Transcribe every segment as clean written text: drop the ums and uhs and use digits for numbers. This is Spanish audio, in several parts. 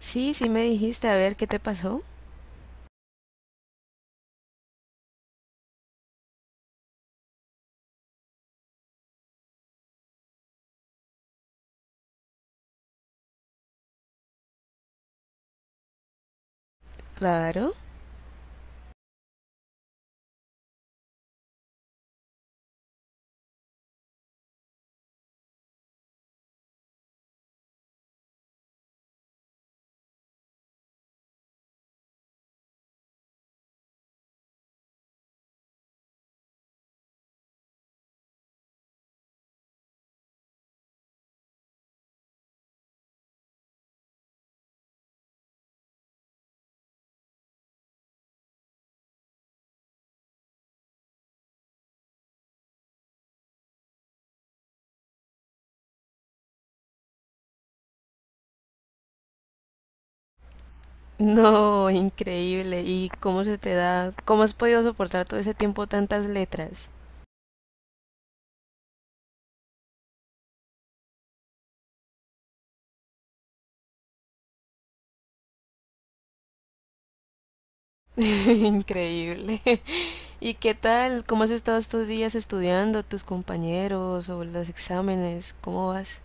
Sí, sí me dijiste, a ver qué te pasó. Claro. No, increíble. ¿Y cómo se te da? ¿Cómo has podido soportar todo ese tiempo tantas letras? Increíble. ¿Y qué tal? ¿Cómo has estado estos días estudiando, tus compañeros o los exámenes? ¿Cómo vas?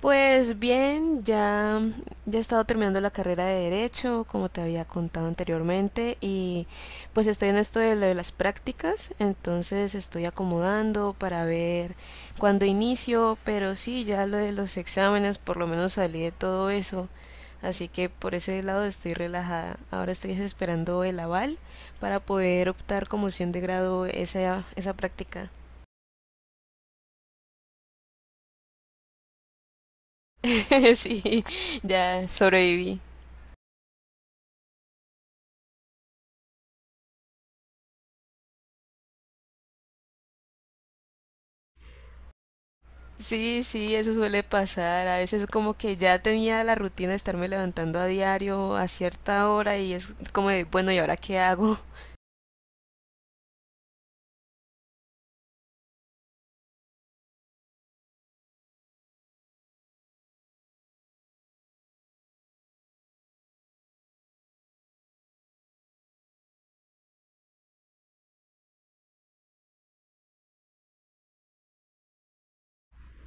Pues bien, ya, ya he estado terminando la carrera de Derecho, como te había contado anteriormente, y pues estoy en esto de lo de las prácticas, entonces estoy acomodando para ver cuándo inicio, pero sí, ya lo de los exámenes, por lo menos salí de todo eso, así que por ese lado estoy relajada. Ahora estoy esperando el aval para poder optar como opción de grado esa práctica. Sí, ya sobreviví. Sí, sí, eso suele pasar. A veces como que ya tenía la rutina de estarme levantando a diario a cierta hora y es como de, bueno, ¿y ahora qué hago?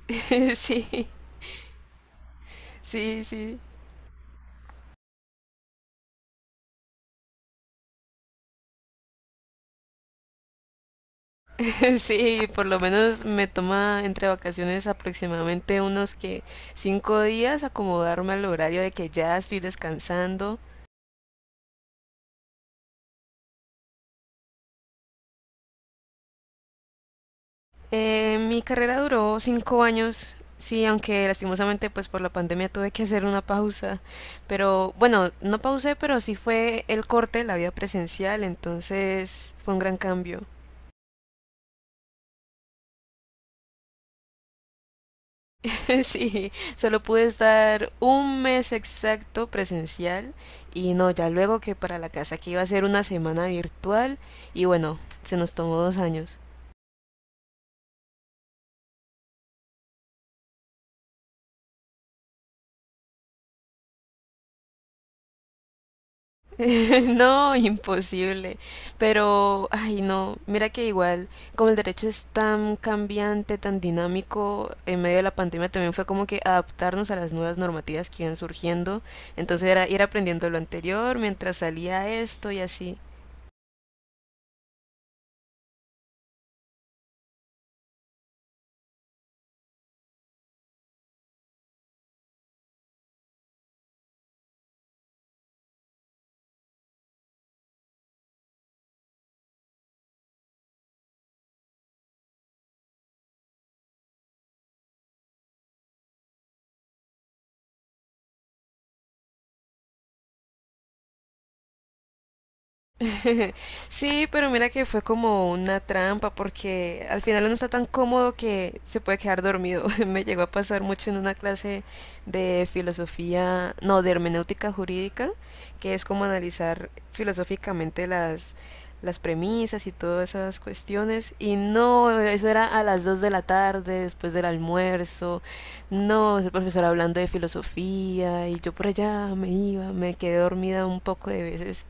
Sí, sí, sí. Sí, por lo menos me toma entre vacaciones aproximadamente unos que 5 días acomodarme al horario de que ya estoy descansando. Mi carrera duró 5 años, sí, aunque lastimosamente pues por la pandemia tuve que hacer una pausa, pero bueno, no pausé, pero sí fue el corte, la vida presencial, entonces fue un gran cambio. Sí, solo pude estar un mes exacto presencial y no, ya luego que para la casa que iba a ser una semana virtual y bueno, se nos tomó 2 años. No, imposible. Pero, ay, no, mira que igual, como el derecho es tan cambiante, tan dinámico, en medio de la pandemia también fue como que adaptarnos a las nuevas normativas que iban surgiendo. Entonces era ir aprendiendo lo anterior mientras salía esto y así. Sí, pero mira que fue como una trampa porque al final uno está tan cómodo que se puede quedar dormido. Me llegó a pasar mucho en una clase de filosofía, no, de hermenéutica jurídica, que es como analizar filosóficamente las premisas y todas esas cuestiones. Y no, eso era a las 2 de la tarde, después del almuerzo. No, el profesor hablando de filosofía y yo por allá me iba, me quedé dormida un poco de veces.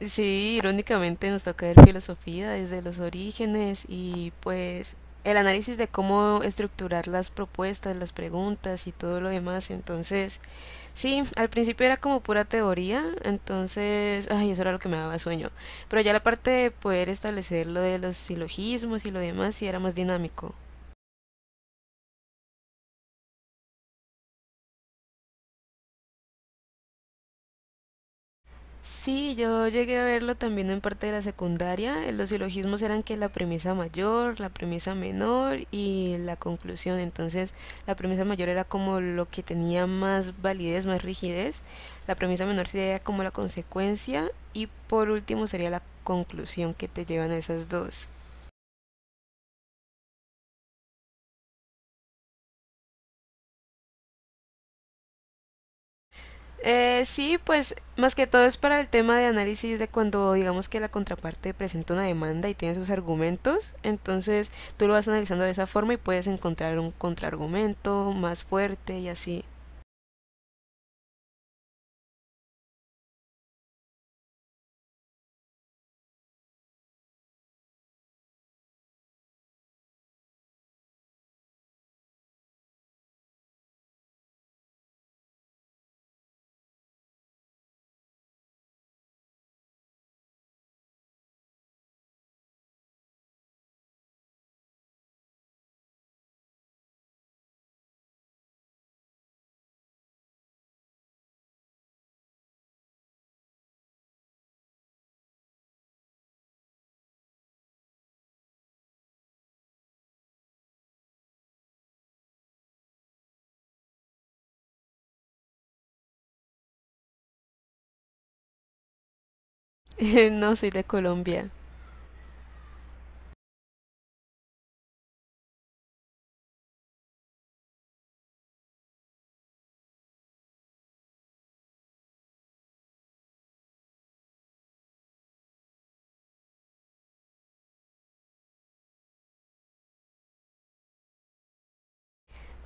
Sí, irónicamente nos toca ver filosofía desde los orígenes y pues el análisis de cómo estructurar las propuestas, las preguntas y todo lo demás. Entonces, sí, al principio era como pura teoría, entonces, ay, eso era lo que me daba sueño. Pero ya la parte de poder establecer lo de los silogismos y lo demás sí era más dinámico. Sí, yo llegué a verlo también en parte de la secundaria. Los silogismos eran que la premisa mayor, la premisa menor y la conclusión. Entonces, la premisa mayor era como lo que tenía más validez, más rigidez. La premisa menor sería como la consecuencia y por último sería la conclusión que te llevan a esas dos. Sí, pues más que todo es para el tema de análisis de cuando digamos que la contraparte presenta una demanda y tiene sus argumentos, entonces tú lo vas analizando de esa forma y puedes encontrar un contraargumento más fuerte y así. No soy de Colombia.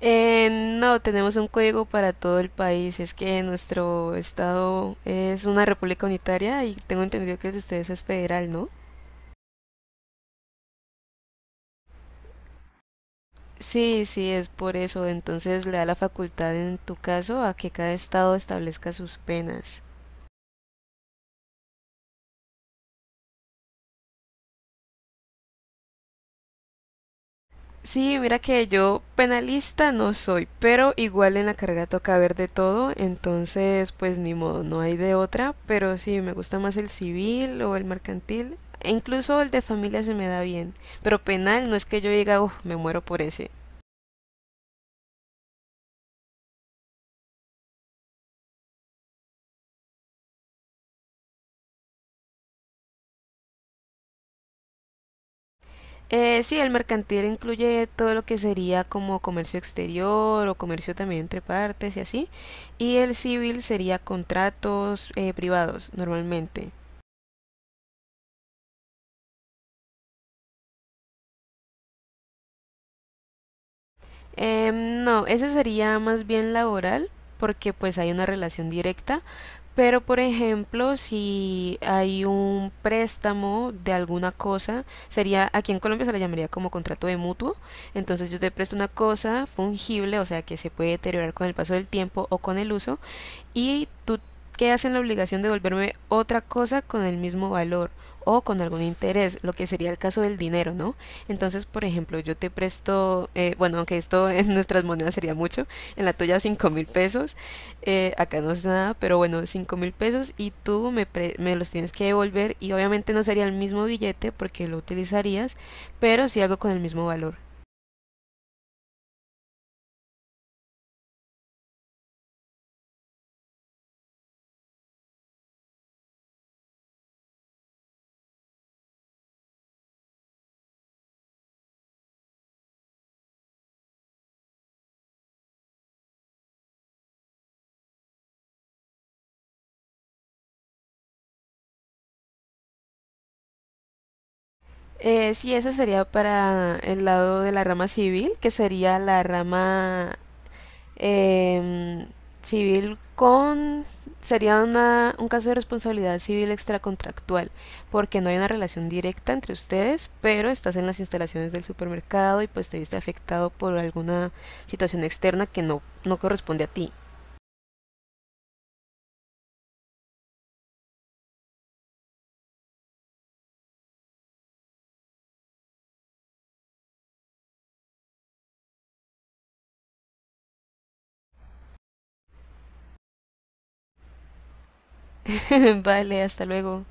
No, tenemos un código para todo el país, es que nuestro estado es una república unitaria y tengo entendido que el de ustedes es federal, ¿no? Sí, sí, es por eso. Entonces le da la facultad en tu caso a que cada estado establezca sus penas. Sí, mira que yo penalista no soy, pero igual en la carrera toca ver de todo, entonces pues ni modo, no hay de otra, pero sí, me gusta más el civil o el mercantil, e incluso el de familia se me da bien, pero penal no es que yo diga, uff, me muero por ese. Sí, el mercantil incluye todo lo que sería como comercio exterior o comercio también entre partes y así. Y el civil sería contratos privados normalmente. No, ese sería más bien laboral porque pues hay una relación directa. Pero por ejemplo, si hay un préstamo de alguna cosa, sería, aquí en Colombia se le llamaría como contrato de mutuo. Entonces yo te presto una cosa fungible, o sea que se puede deteriorar con el paso del tiempo o con el uso, y tú quedas en la obligación de devolverme otra cosa con el mismo valor o con algún interés, lo que sería el caso del dinero, ¿no? Entonces, por ejemplo, yo te presto, bueno, aunque esto en nuestras monedas sería mucho, en la tuya 5.000 pesos, acá no es nada, pero bueno, 5.000 pesos y tú me los tienes que devolver y obviamente no sería el mismo billete porque lo utilizarías, pero sí algo con el mismo valor. Sí, esa sería para el lado de la rama civil, que sería la rama. Em, Civil con... Sería un caso de responsabilidad civil extracontractual, porque no hay una relación directa entre ustedes, pero estás en las instalaciones del supermercado y pues te viste afectado por alguna situación externa que no, no corresponde a ti. Vale, hasta luego.